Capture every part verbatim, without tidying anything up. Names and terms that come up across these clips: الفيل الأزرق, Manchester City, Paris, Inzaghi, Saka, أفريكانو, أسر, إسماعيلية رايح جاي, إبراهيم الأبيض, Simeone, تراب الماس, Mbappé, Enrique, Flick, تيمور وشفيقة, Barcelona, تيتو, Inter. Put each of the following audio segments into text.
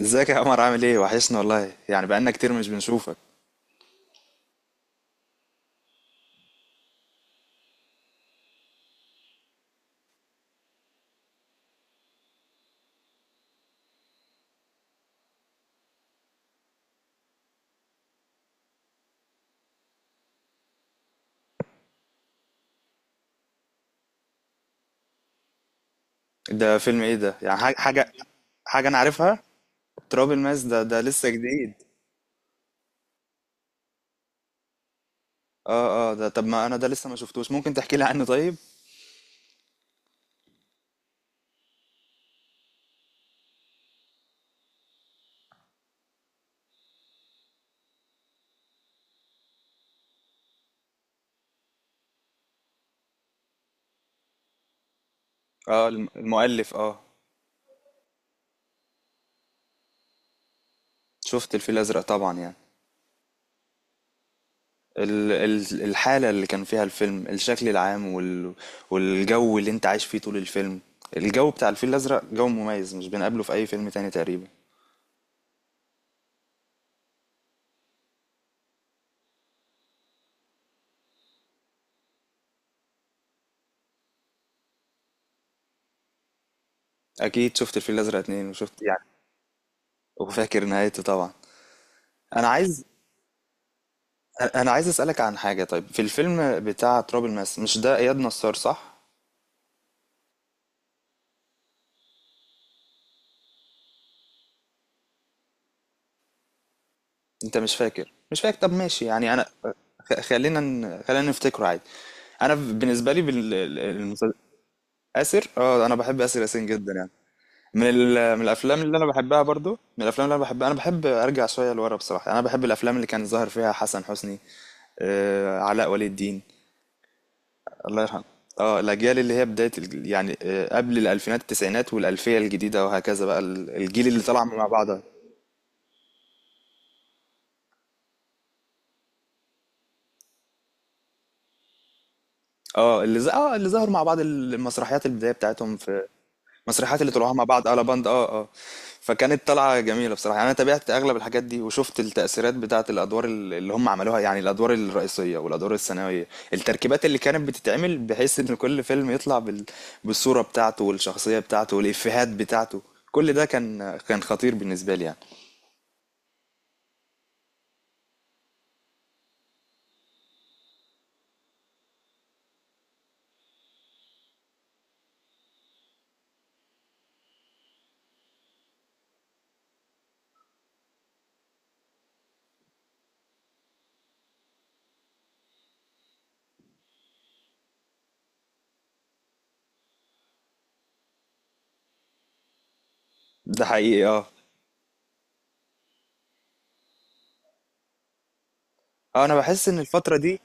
ازيك يا عمر، عامل ايه؟ وحشني والله، يعني بقالنا كتير مش بنشوفك. ده فيلم ايه ده؟ يعني حاجة حاجة حاجة انا عارفها. تراب الماس ده ده لسه جديد. اه اه، ده طب ما انا ده لسه ما شفتوش، ممكن تحكي لي عنه طيب؟ اه، الم- المؤلف، اه. شفت الفيل الازرق طبعا يعني. ال ال الحالة اللي كان فيها الفيلم، الشكل العام وال والجو اللي انت عايش فيه طول الفيلم. الجو بتاع الفيل الازرق جو مميز، مش بنقابله في اي فيلم تاني تقريبا. اكيد شفت الفيل الازرق اتنين، وشفت يعني. وفاكر نهايته طبعا. انا عايز انا عايز اسالك عن حاجه. طيب في الفيلم بتاع تراب الماس، مش ده اياد نصار، صح؟ انت مش فاكر؟ مش فاكر. طب ماشي، يعني انا، خ- خلينا ن- خلينا نفتكره عادي. انا بالنسبه لي بالمسلسل. اسر، اه، انا بحب اسر ياسين جدا يعني. من ال- من الافلام اللي انا بحبها برضو. من الافلام اللي انا بحبها، انا بحب ارجع شويه لورا بصراحه، يعني انا بحب الافلام اللي كان ظاهر فيها حسن حسني، آه، علاء ولي الدين. الله يرحمه. اه، الاجيال اللي هي بدايه ال- يعني، آه، قبل الالفينات، التسعينات والالفيه الجديده وهكذا، بقى ال- الجيل اللي طلع مع بعض. اه، اللي ز... اه اللي ظهروا مع بعض المسرحيات، البدايه بتاعتهم في المسرحيات اللي طلعوها مع بعض على بند، اه اه. فكانت طلعه جميله بصراحه يعني. انا تابعت اغلب الحاجات دي وشفت التاثيرات بتاعه الادوار ال- اللي هم عملوها، يعني الادوار الرئيسيه والادوار الثانويه، التركيبات اللي كانت بتتعمل بحيث ان كل فيلم يطلع بال... بالصوره بتاعته والشخصيه بتاعته والافيهات بتاعته. كل ده كان كان خطير بالنسبه لي يعني. ده حقيقي، اه. اه، انا بحس ان الفترة دي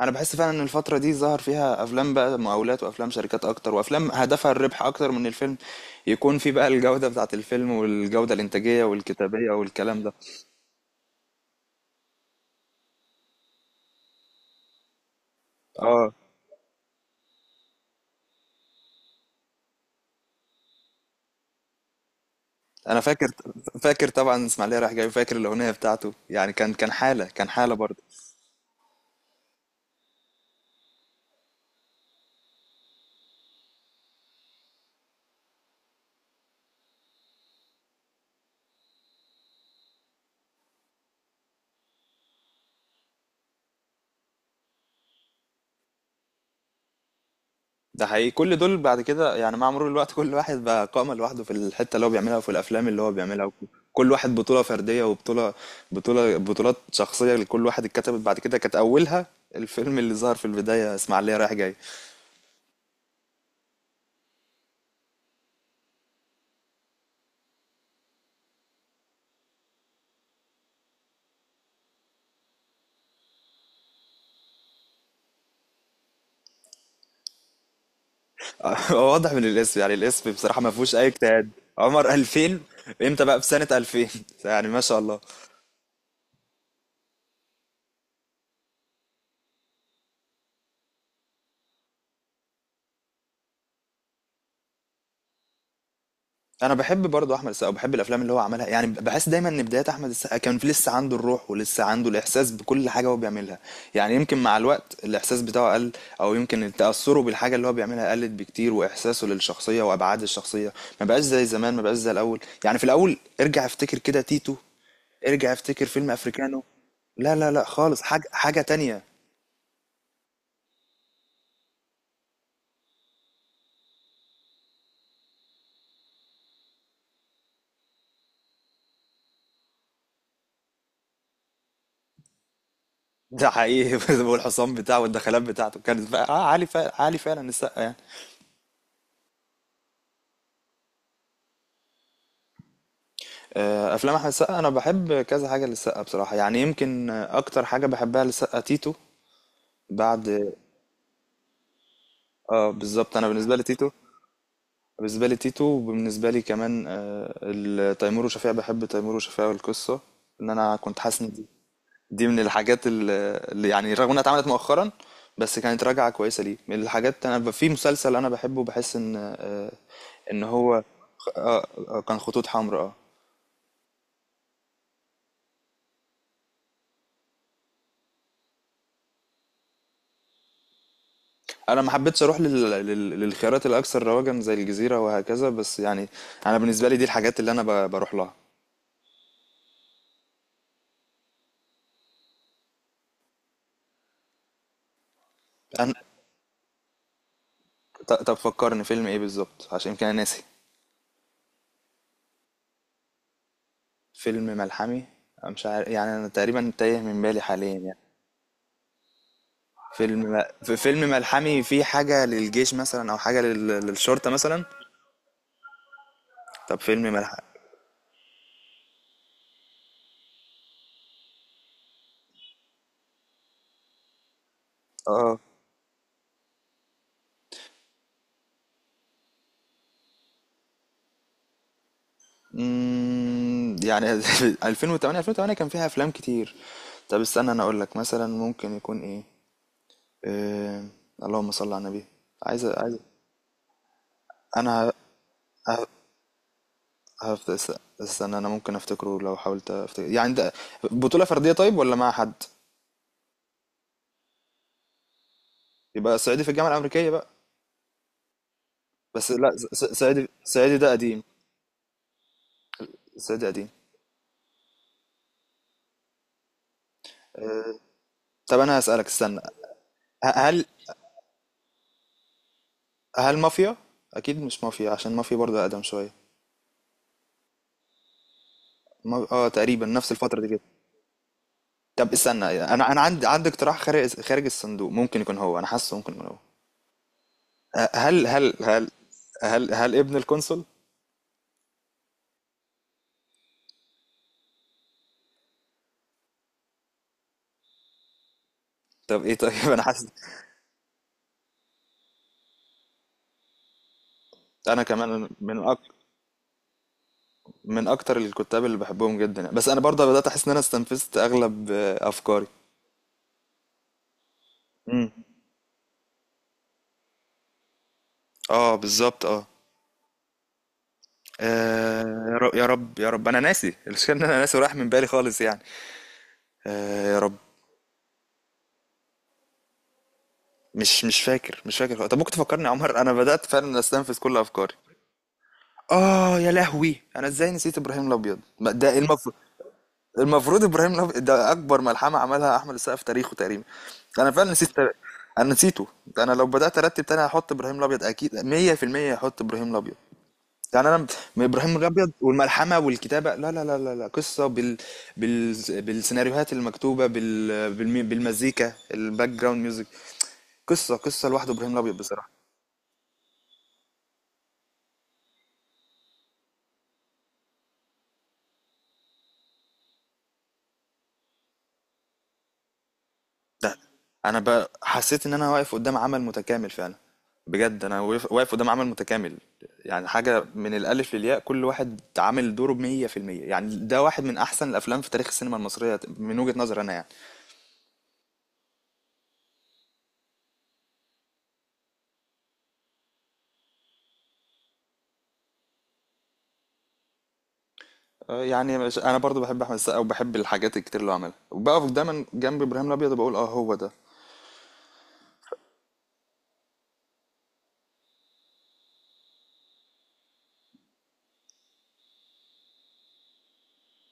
انا بحس فعلا ان الفترة دي ظهر فيها افلام بقى مقاولات، وافلام شركات اكتر، وافلام هدفها الربح اكتر من الفيلم يكون في بقى الجودة بتاعت الفيلم، والجودة الانتاجية والكتابية والكلام ده. اه، انا فاكر فاكر طبعا. اسماعيليه رايح جاي، فاكر الاغنية بتاعته يعني. كان كان حالة، كان حالة برضه. ده حقيقي. كل دول بعد كده يعني، مع مرور الوقت كل واحد بقى قائمة لوحده في الحتة اللي هو بيعملها وفي الأفلام اللي هو بيعملها. وك- كل واحد بطولة فردية، وبطولة بطولة بطولات شخصية لكل واحد اتكتبت بعد كده، كانت أولها الفيلم اللي ظهر في البداية، إسماعيلية رايح جاي. هو واضح من الاسم، يعني الاسم بصراحة ما فيهوش أي اجتهاد. عمر ألفين. امتى بقى في سنة ألفين؟ يعني ما شاء الله. أنا باحب برضه أحمد السقا وباحب الأفلام اللي هو عملها، يعني باحس دايمًا إن بدايات أحمد السقا كان في لسه عنده الروح ولسه عنده الإحساس بكل حاجة هو بيعملها، يعني يمكن مع الوقت الإحساس بتاعه قل، أو يمكن تأثره بالحاجة اللي هو بيعملها قلت بكتير، وإحساسه للشخصية وأبعاد الشخصية ما بقاش زي زمان، ما بقاش زي الأول. يعني في الأول ارجع افتكر كده تيتو، ارجع افتكر فيلم أفريكانو، لا لا لأ خالص، حاجة حاجة تانية. ده حقيقي. والحصان بتاعه والدخلات بتاعته كانت بقى آه، عالي فعلًا، عالي فعلًا السقا يعني. آه، افلام احمد السقا، انا بحب كذا حاجه للسقا بصراحه، يعني يمكن آه، اكتر حاجه بحبها للسقا تيتو. بعد، اه بالظبط، انا بالنسبه لي تيتو بالنسبه لي تيتو وبالنسبه لي كمان، آه، ال- تيمور وشفيقة. بحب تيمور وشفيقة، والقصه ان انا كنت حاسس ان دي دي من الحاجات ال- اللي يعني رغم انها اتعملت مؤخرا، بس كانت راجعه كويسه ليه. من الحاجات انا ب- في مسلسل انا بحبه، بحس ان، آه، ان هو آه، آه، كان خطوط حمراء، اه. انا ما حبيتش اروح لل... لل... للخيارات الاكثر رواجا زي الجزيره وهكذا، بس يعني انا بالنسبه لي دي الحاجات اللي انا ب... بروح لها. أنا... ط- طب فكرني فيلم ايه بالظبط، عشان يمكن انا ناسي. فيلم ملحمي. أنا مش عارف يعني، انا تقريبا تايه من بالي حاليا يعني. فيلم م... في فيلم ملحمي فيه حاجه للجيش مثلا، او حاجه لل... للشرطه مثلا. طب فيلم ملحمي، اه. أمم، يعني. ألفين وتمانية، ألفين وثمانية كان فيها افلام كتير. طب استنى انا اقول لك، مثلا ممكن يكون ايه؟ إيه... اللهم صل على النبي. عايز عايز انا ه- هفت... است- استنى. انا ممكن افتكره لو حاولت افتكر يعني ده. بطولة فردية طيب، ولا مع حد؟ يبقى صعيدي في الجامعة الأمريكية بقى. بس لا، ص- ص- صعيدي، صعيدي ده قديم. صعيدي قديم. إيه... طب انا هسألك، استنى. ه- هل هل مافيا؟ اكيد مش مافيا، عشان مافيا برضه اقدم شوية. ما- اه تقريبا نفس الفترة دي كده. طب استنى، انا انا عندي عندي اقتراح خارج خارج الصندوق، ممكن يكون هو. انا حاسه ممكن يكون هو، أه، هل هل هل هل هل ابن القنصل؟ طب ايه طيب. انا حاسس، انا كمان من أك... من اكتر الكتاب اللي بحبهم جدا يعني. بس انا برضه بدأت احس ان انا استنفذت اغلب آه، افكاري. امم اه بالظبط، اه. آه، يا رب يا رب يا رب، انا ناسي. المشكله ان انا ناسي وراح من بالي خالص يعني. آه يا رب. مش مش فاكر مش فاكر خالص. طب ممكن تفكرني يا عمر، انا بدأت فعلا استنفذ كل افكاري. اه يا لهوي، انا ازاي نسيت ابراهيم الابيض، ما ده ايه المفروض. المفروض ابراهيم، نف... ده اكبر ملحمه عملها احمد السقا في تاريخه تقريبا. انا فعلا نسيت، تر- انا نسيته. انا لو بدات ارتب تاني هحط ابراهيم الابيض، اكيد مية في المية هحط ابراهيم الابيض. يعني انا، من ابراهيم الابيض والملحمه والكتابه، لا لا لا لا، لا. قصه، بال... بال... بالسيناريوهات المكتوبه، بال... بالمي... بالمزيكا، الباك جراوند ميوزك. قصه قصه لوحده ابراهيم الابيض بصراحه. ده انا ب... حسيت ان انا واقف قدام عمل متكامل فعلا. بجد انا واقف، واقف قدام عمل متكامل. يعني حاجة من الألف للياء، كل واحد عامل دوره بمية في المية. يعني ده واحد من أحسن الأفلام في تاريخ السينما المصرية من وجهة نظري أنا يعني. آه، يعني مش- أنا برضو بحب أحمد السقا، وبحب الحاجات الكتير اللي هو عملها، وبقف دايما جنب إبراهيم الأبيض، وبقول، أه، هو ده.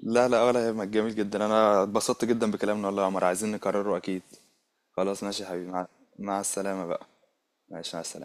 لا لا، ولا يهمك، جميل جدا. أنا اتبسطت جدا بكلامنا والله يا عمر، عايزين نكرره أكيد. خلاص ماشي يا حبيبي، مع, مع السلامة بقى. ماشي، مع السلامة.